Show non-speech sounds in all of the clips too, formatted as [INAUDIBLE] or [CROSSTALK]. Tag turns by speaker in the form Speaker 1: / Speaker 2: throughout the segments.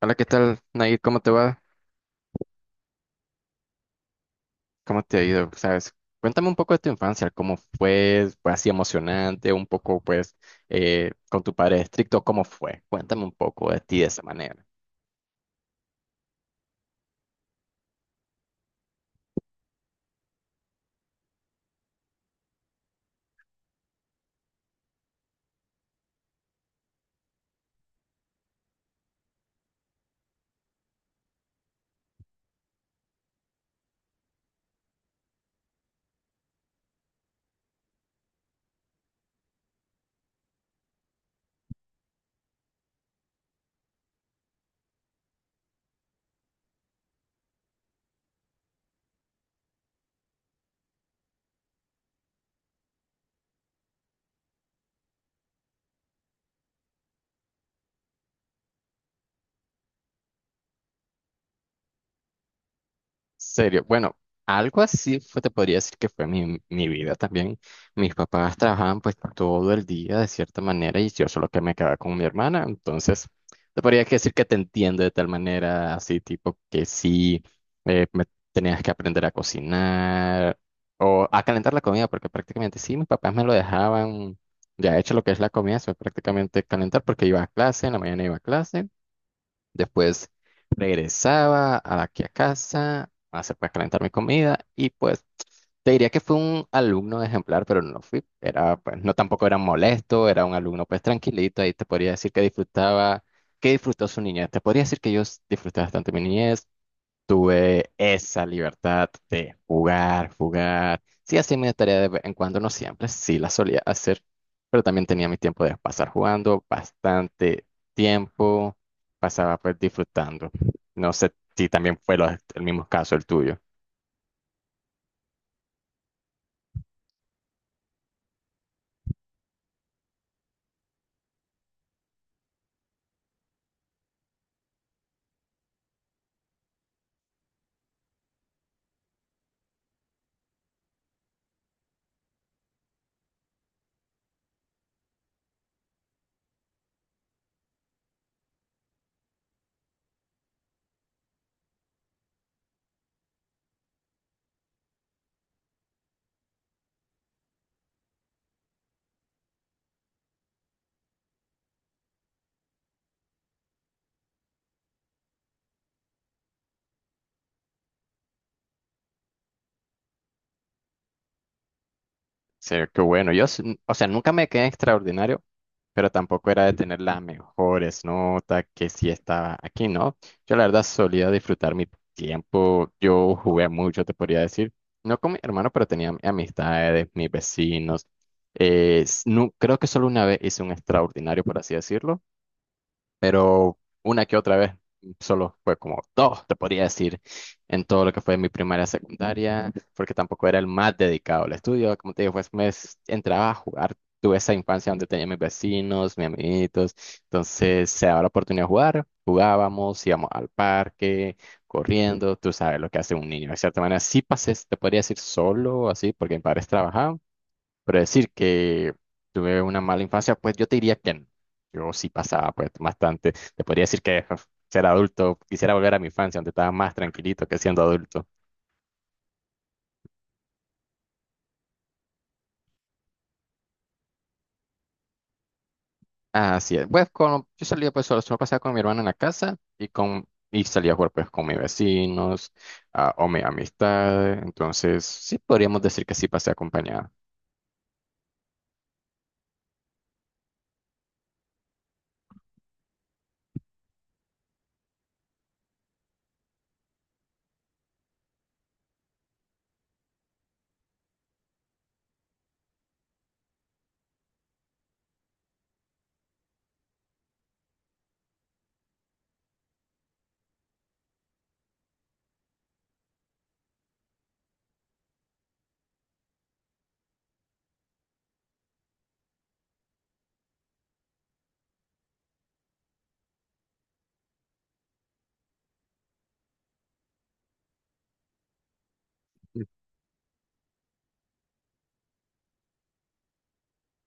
Speaker 1: Hola, ¿qué tal, Nair? ¿Cómo te va? ¿Cómo te ha ido? ¿Sabes? Cuéntame un poco de tu infancia, cómo fue, fue así emocionante, un poco pues con tu padre estricto, ¿cómo fue? Cuéntame un poco de ti de esa manera. Serio, bueno, algo así fue, te podría decir que fue mi vida también. Mis papás trabajaban pues todo el día de cierta manera y yo solo que me quedaba con mi hermana, entonces te podría que decir que te entiendo de tal manera, así tipo que sí, me tenías que aprender a cocinar o a calentar la comida, porque prácticamente sí, mis papás me lo dejaban ya hecho lo que es la comida, eso es prácticamente calentar porque iba a clase, en la mañana iba a clase. Después regresaba a aquí a casa a hacer pues calentar mi comida y pues te diría que fue un alumno ejemplar, pero no lo fui, era pues no tampoco era molesto, era un alumno pues tranquilito, ahí te podría decir que disfrutaba, que disfrutó su niñez, te podría decir que yo disfruté bastante mi niñez, tuve esa libertad de jugar, jugar. Sí, hacía mi tarea de vez en cuando, no siempre, sí la solía hacer, pero también tenía mi tiempo de pasar jugando, bastante tiempo, pasaba pues disfrutando. No sé si también fue el mismo caso el tuyo. Sí, qué bueno. Yo, o sea, nunca me quedé extraordinario, pero tampoco era de tener las mejores notas que si estaba aquí, ¿no? Yo la verdad solía disfrutar mi tiempo. Yo jugué mucho, te podría decir. No con mi hermano, pero tenía amistades, mis vecinos. Creo que solo una vez hice un extraordinario, por así decirlo, pero una que otra vez, solo fue como dos, te podría decir, en todo lo que fue mi primaria, secundaria, porque tampoco era el más dedicado al estudio, como te digo, pues entraba a jugar, tuve esa infancia donde tenía mis vecinos, mis amiguitos, entonces se daba la oportunidad de jugar, jugábamos, íbamos al parque, corriendo, tú sabes lo que hace un niño, de cierta manera, sí pasé, te podría decir solo, así, porque mis padres trabajaban, pero decir que tuve una mala infancia, pues yo te diría que no. Yo sí pasaba pues bastante. Te podría decir que uf, ser adulto, quisiera volver a mi infancia, donde estaba más tranquilito que siendo adulto. Así es. Pues con, yo salía pues solo, solo pasaba con mi hermana en la casa y con y salía a jugar pues con mis vecinos, ah, o mi amistad. Entonces, sí podríamos decir que sí pasé acompañado.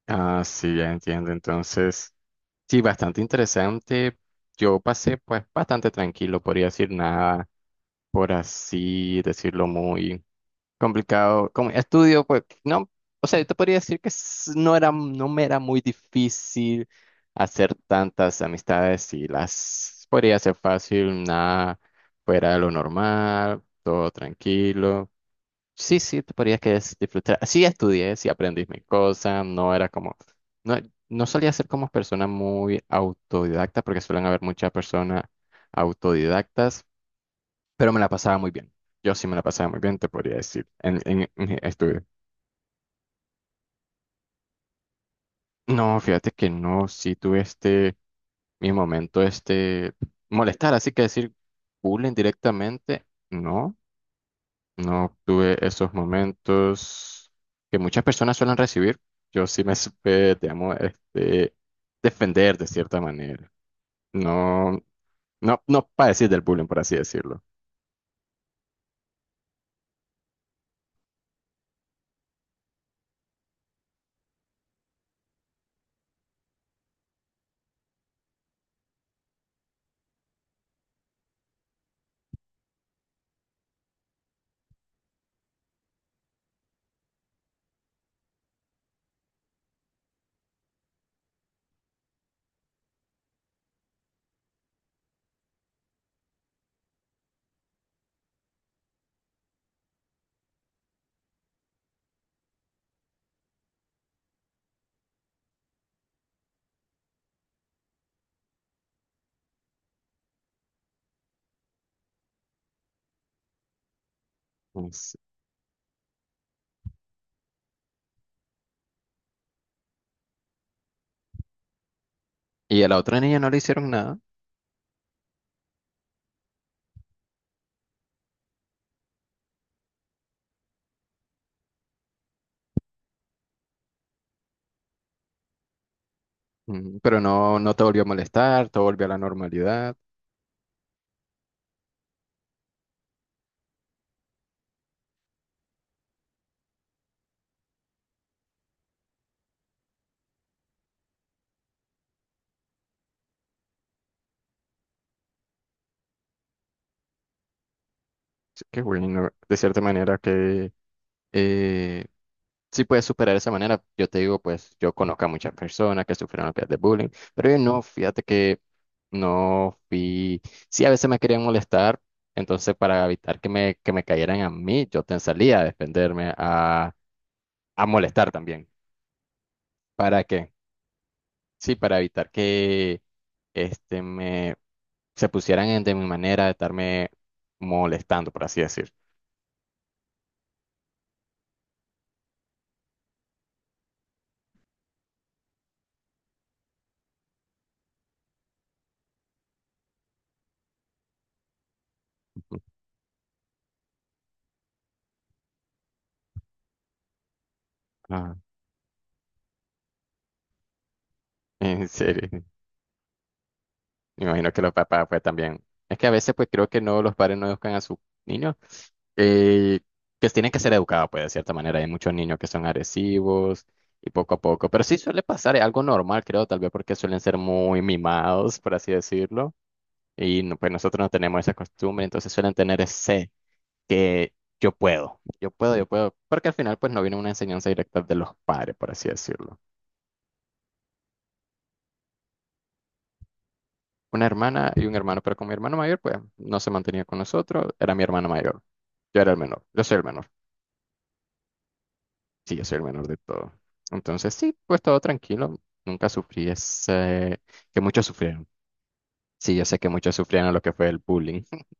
Speaker 1: Ah, sí, ya entiendo. Entonces, sí, bastante interesante. Yo pasé pues bastante tranquilo, podría decir nada, por así decirlo, muy complicado. Como estudio, pues, no, o sea, yo te podría decir que no era, no me era muy difícil hacer tantas amistades y las podría hacer fácil, nada fuera de lo normal, todo tranquilo. Sí, sí, te podría que es disfrutar. Sí estudié, sí aprendí mis cosas, no era como, no, no solía ser como persona muy autodidacta porque suelen haber muchas personas autodidactas, pero me la pasaba muy bien. Yo sí me la pasaba muy bien, te podría decir, en estudio. No, fíjate que no, sí tuve este, mi momento, este, molestar, así que decir bullying directamente, no, no tuve esos momentos que muchas personas suelen recibir. Yo sí me supe, digamos, este, defender de cierta manera. No, no, no padecí del bullying, por así decirlo. Es- Y a la otra niña no le hicieron nada. Mm, pero no, no te volvió a molestar, todo volvió a la normalidad. Sí, qué bueno, de cierta manera que eh, sí puedes superar de esa manera. Yo te digo, pues yo conozco a muchas personas que sufrieron de bullying, pero yo no, fíjate que no fui. Sí, a veces me querían molestar, entonces para evitar que me cayeran a mí, yo te salía a defenderme, a molestar también. ¿Para qué? Sí, para evitar que este me se pusieran de mi manera de estarme molestando, por así decir. Ujú. Ah, [LAUGHS] en serio. Me imagino que los papás pues también. Es que a veces pues creo que no los padres no educan a sus niños, eh, que tienen que ser educados pues de cierta manera. Hay muchos niños que son agresivos y poco a poco. Pero sí suele pasar, es algo normal creo, tal vez porque suelen ser muy mimados, por así decirlo. Y pues nosotros no tenemos esa costumbre, entonces suelen tener ese que yo puedo, yo puedo, yo puedo, porque al final pues no viene una enseñanza directa de los padres, por así decirlo. Una hermana y un hermano, pero con mi hermano mayor pues no se mantenía con nosotros, era mi hermano mayor, yo era el menor, yo soy el menor, sí, yo soy el menor de todo. Entonces sí, pues todo tranquilo, nunca sufrí ese, que muchos sufrieron. Sí, yo sé que muchos sufrieron lo que fue el bullying. [LAUGHS]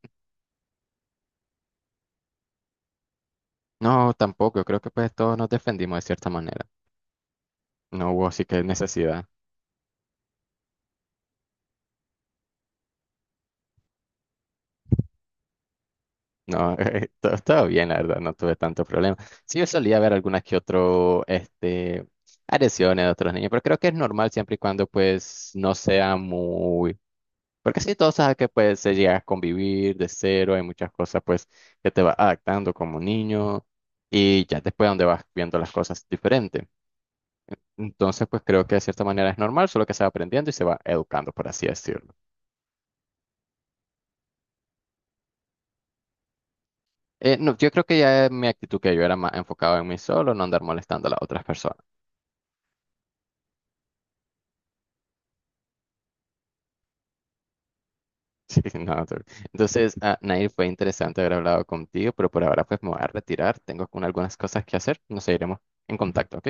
Speaker 1: No, tampoco, yo creo que pues todos nos defendimos de cierta manera. No hubo así que necesidad. No, [LAUGHS] todo, todo bien, la verdad, no tuve tanto problema. Sí, yo solía ver algunas que otro, este, agresiones de otros niños, pero creo que es normal siempre y cuando, pues, no sea muy... Porque sí, todos saben que, pues, se llega a convivir de cero, hay muchas cosas, pues, que te vas adaptando como niño y ya después donde vas viendo las cosas diferente. Entonces, pues, creo que de cierta manera es normal, solo que se va aprendiendo y se va educando, por así decirlo. No, yo creo que ya mi actitud que yo era más enfocado en mí solo, no andar molestando a las otras personas. Sí, [LAUGHS] no, entonces, ah, Nair, fue interesante haber hablado contigo, pero por ahora pues me voy a retirar. Tengo con algunas cosas que hacer. Nos seguiremos en contacto, ¿ok?